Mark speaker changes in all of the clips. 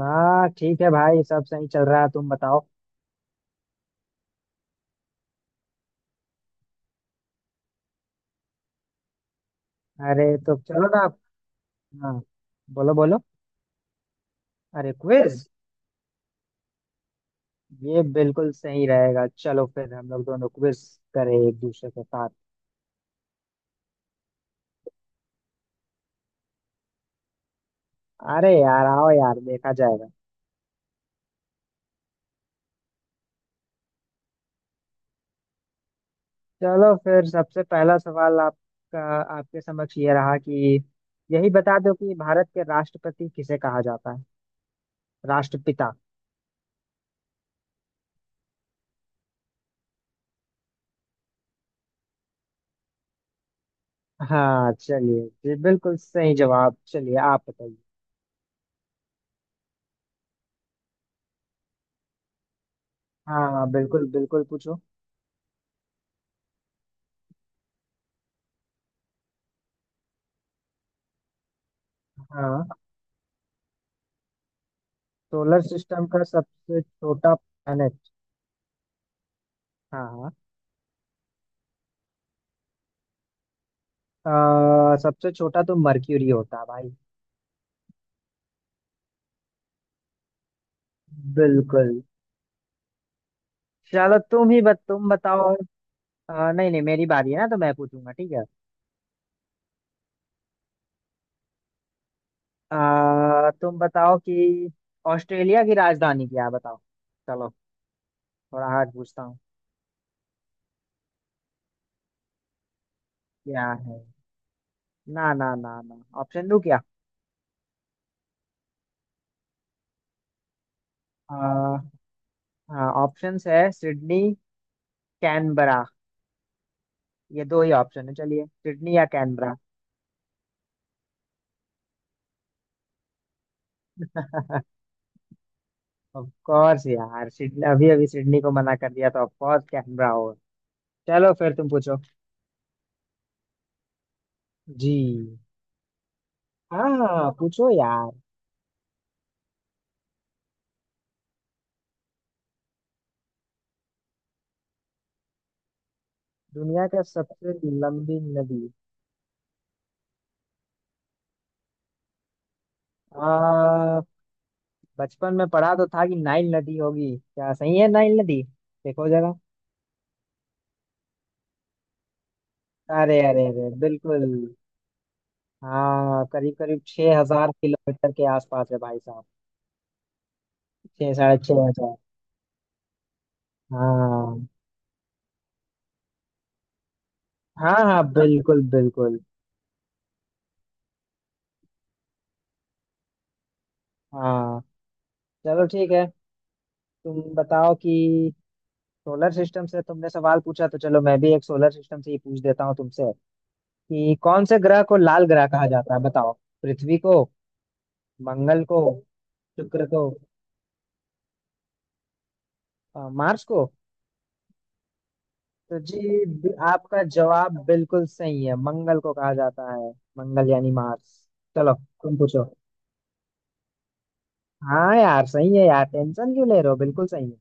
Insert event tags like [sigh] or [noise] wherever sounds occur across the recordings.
Speaker 1: हाँ ठीक है भाई। सब सही चल रहा है, तुम बताओ। अरे तो चलो ना आप। हाँ, बोलो बोलो। अरे क्विज! ये बिल्कुल सही रहेगा, चलो फिर हम लोग दोनों क्विज करें एक दूसरे के साथ। अरे यार आओ यार, देखा जाएगा। चलो फिर सबसे पहला सवाल आपका आपके समक्ष ये रहा कि यही बता दो कि भारत के राष्ट्रपति किसे कहा जाता है। राष्ट्रपिता। हाँ चलिए जी, बिल्कुल सही जवाब। चलिए आप बताइए। हाँ बिल्कुल बिल्कुल, पूछो। हाँ। सोलर सिस्टम का सबसे छोटा प्लैनेट। हाँ। हाँ, सबसे छोटा तो मरक्यूरी होता है भाई। बिल्कुल। चलो तुम ही तुम बताओ। नहीं नहीं, मेरी बारी है ना तो मैं पूछूंगा, ठीक है। तुम बताओ कि ऑस्ट्रेलिया की राजधानी क्या है, बताओ। चलो, थोड़ा हार्ड पूछता हूँ। क्या है? ना ना ना ना, ऑप्शन दो क्या। ऑप्शंस है सिडनी, कैनबरा। ये दो ही ऑप्शन है, चलिए सिडनी या कैनबरा। [laughs] ऑफ कोर्स यार, सिडनी अभी अभी सिडनी को मना कर दिया तो ऑफ कोर्स कैनबरा होगा। चलो फिर तुम पूछो। जी। हाँ पूछो यार। दुनिया का सबसे लंबी नदी। आ, बचपन में पढ़ा तो था कि नाइल नदी होगी, क्या सही है नाइल नदी? देखो जरा। अरे अरे अरे, बिल्कुल। हाँ, करीब करीब 6 हजार किलोमीटर के आसपास है भाई साहब। छह, 6.5 हजार। हाँ हाँ हाँ, बिल्कुल बिल्कुल। हाँ चलो ठीक है। तुम बताओ कि सोलर सिस्टम से तुमने सवाल पूछा तो चलो मैं भी एक सोलर सिस्टम से ही पूछ देता हूँ तुमसे कि कौन से ग्रह को लाल ग्रह कहा जाता है, बताओ। पृथ्वी को? मंगल को? शुक्र को? मार्स को? तो जी आपका जवाब बिल्कुल सही है, मंगल को कहा जाता है। मंगल यानी मार्स। चलो तुम पूछो। हाँ यार सही है यार, टेंशन क्यों ले रहे हो, बिल्कुल सही है।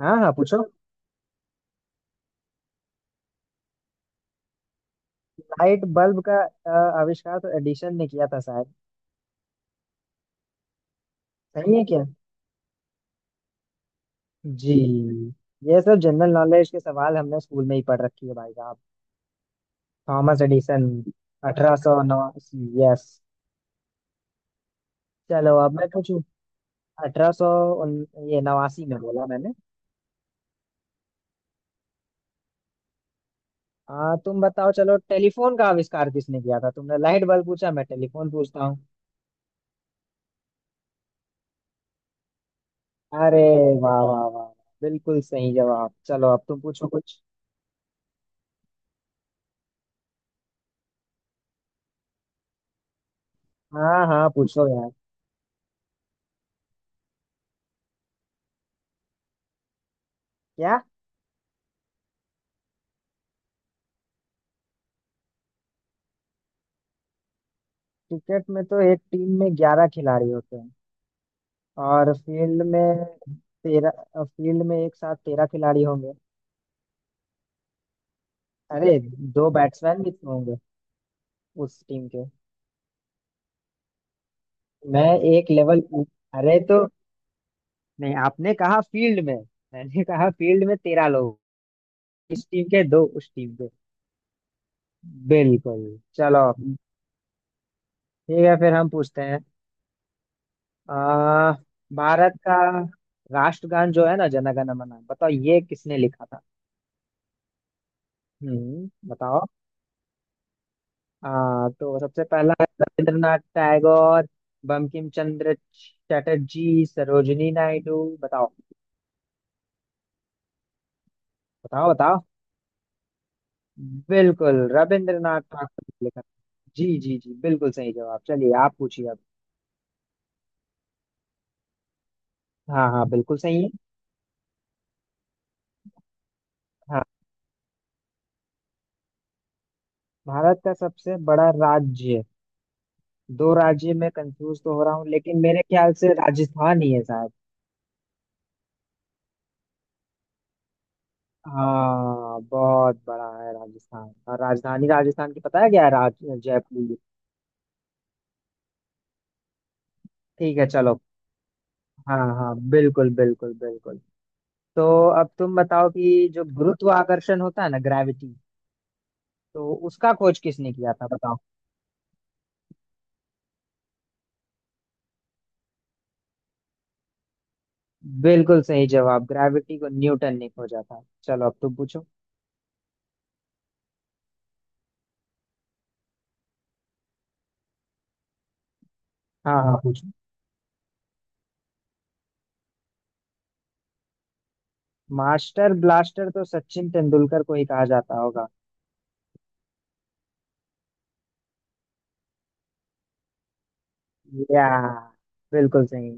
Speaker 1: हाँ हाँ पूछो। लाइट बल्ब का आविष्कार तो एडिशन ने किया था शायद। सही है क्या? जी। ये सब जनरल नॉलेज के सवाल हमने स्कूल में ही पढ़ रखी है भाई साहब। Thomas Edison. 1889, यस। चलो अब मैं पूछूं। अठारह सौ ये नवासी में बोला मैंने। तुम बताओ, चलो टेलीफोन का आविष्कार किसने किया था, तुमने लाइट बल्ब पूछा, मैं टेलीफोन पूछता हूँ। अरे वाह वाह वाह, बिल्कुल सही जवाब। चलो अब तुम पूछो कुछ। हाँ हाँ पूछो यार। क्या? क्रिकेट में तो एक टीम में 11 खिलाड़ी होते हैं। और फील्ड में 13, फील्ड में एक साथ 13 खिलाड़ी होंगे। अरे, दो बैट्समैन भी तो होंगे उस टीम के। मैं एक लेवल अरे तो नहीं, आपने कहा फील्ड में, मैंने कहा फील्ड में तेरह लोग, इस टीम के दो उस टीम के। बिल्कुल। चलो ठीक है, फिर हम पूछते हैं। आ, भारत का राष्ट्रगान जो है ना, जनगण मन, बताओ ये किसने लिखा था। हम्म, बताओ। हाँ, तो सबसे पहला है रविंद्रनाथ टैगोर, बंकिम चंद्र चटर्जी, सरोजिनी नायडू, बताओ बताओ बताओ। बिल्कुल रविंद्रनाथ ठाकुर ने लिखा। जी जी जी, बिल्कुल सही जवाब। चलिए आप पूछिए अब। हाँ हाँ, बिल्कुल सही है। हाँ। भारत का सबसे बड़ा राज्य। दो राज्य में कंफ्यूज तो हो रहा हूँ लेकिन मेरे ख्याल से राजस्थान ही है शायद। हाँ, बहुत बड़ा है राजस्थान। और राजधानी राजस्थान की पता है क्या है, राज जयपुर। ठीक है चलो। हाँ हाँ बिल्कुल बिल्कुल बिल्कुल। तो अब तुम बताओ कि जो गुरुत्वाकर्षण होता है ना, ग्रेविटी, तो उसका खोज किसने किया था, बताओ। बिल्कुल सही जवाब, ग्रेविटी को न्यूटन ने खोजा था। चलो अब तुम पूछो। हाँ हाँ पूछो। मास्टर ब्लास्टर तो सचिन तेंदुलकर को ही कहा जाता होगा। या। बिल्कुल सही।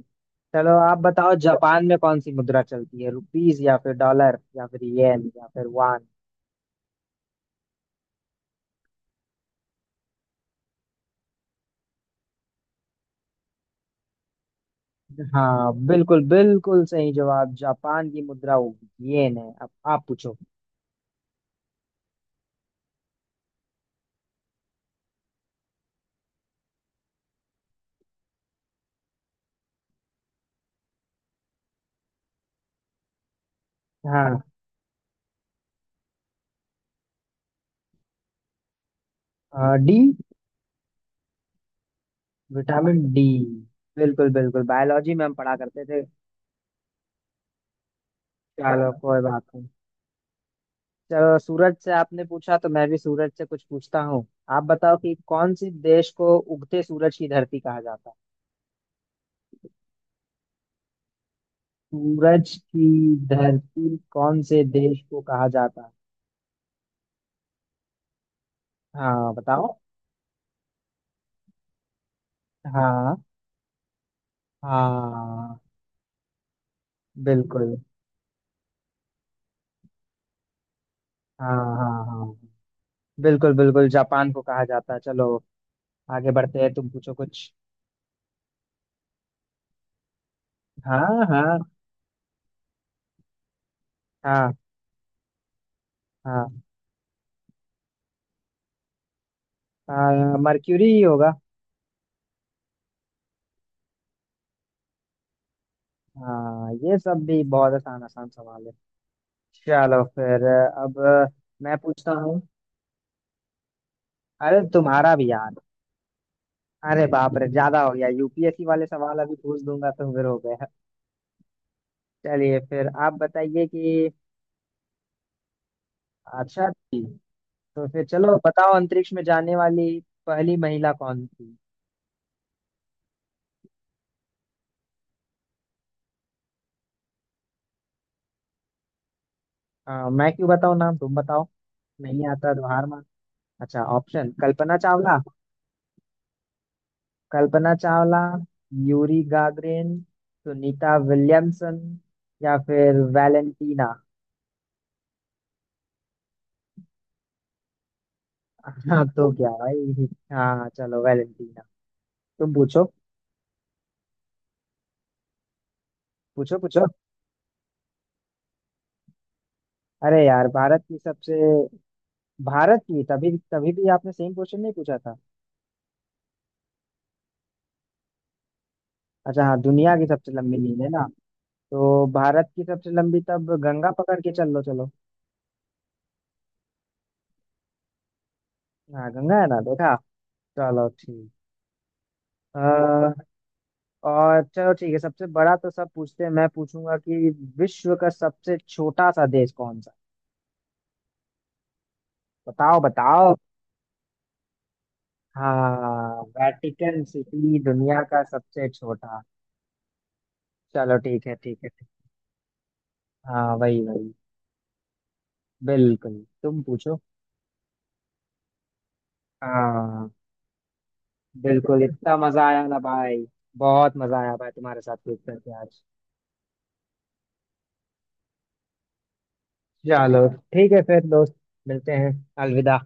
Speaker 1: चलो आप बताओ, जापान में कौन सी मुद्रा चलती है, रुपीज या फिर डॉलर या फिर येन या फिर वान। हाँ बिल्कुल बिल्कुल सही जवाब। जापान की मुद्रा होगी येन है। अब आप पूछो। हाँ। डी। विटामिन डी, बिल्कुल बिल्कुल, बायोलॉजी में हम पढ़ा करते थे। चलो कोई बात नहीं। चलो सूरज से आपने पूछा तो मैं भी सूरज से कुछ पूछता हूँ। आप बताओ कि कौन से देश को उगते सूरज की धरती कहा जाता है। सूरज की धरती कौन से देश को कहा जाता है। हाँ बताओ। हाँ हाँ बिल्कुल। हाँ हाँ हाँ, बिल्कुल बिल्कुल, जापान को कहा जाता है। चलो आगे बढ़ते हैं, तुम पूछो कुछ। हाँ हाँ। हाँ हाँ मर्क्यूरी ही होगा। हाँ, ये सब भी बहुत आसान आसान सवाल है। चलो फिर अब मैं पूछता हूँ। अरे तुम्हारा भी यार। अरे बाप रे, ज्यादा हो गया, यूपीएससी वाले सवाल अभी पूछ दूंगा तो फिर हो गया। चलिए फिर आप बताइए कि अच्छा जी, तो फिर चलो बताओ अंतरिक्ष में जाने वाली पहली महिला कौन थी। हाँ मैं क्यों बताऊँ नाम, तुम बताओ, नहीं आता तो हार मान। अच्छा option, Kalpana Chawla, Kalpana Chawla, Yuri Gagarin, Sunita Williamson, या फिर वैलेंटीना। हाँ तो क्या भाई, हाँ चलो वैलेंटीना। तुम पूछो। पूछो पूछो। अरे यार भारत की सबसे, भारत की तभी तभी भी आपने सेम क्वेश्चन नहीं पूछा था। अच्छा हाँ, दुनिया की सबसे लंबी नील है ना, तो भारत की सबसे लंबी तब गंगा पकड़ के चल लो चलो। हाँ गंगा है ना, देखा। चलो ठीक। अ, और चलो ठीक है, सबसे बड़ा तो सब पूछते हैं, मैं पूछूंगा कि विश्व का सबसे छोटा सा देश कौन सा। बताओ बताओ। हाँ, वेटिकन सिटी दुनिया का सबसे छोटा। चलो ठीक है ठीक है ठीक। हाँ वही वही, बिल्कुल। तुम पूछो। हाँ बिल्कुल, इतना मजा आया ना भाई, बहुत मजा आया भाई तुम्हारे साथ क्विज करके आज। चलो ठीक है फिर दोस्त, मिलते हैं, अलविदा।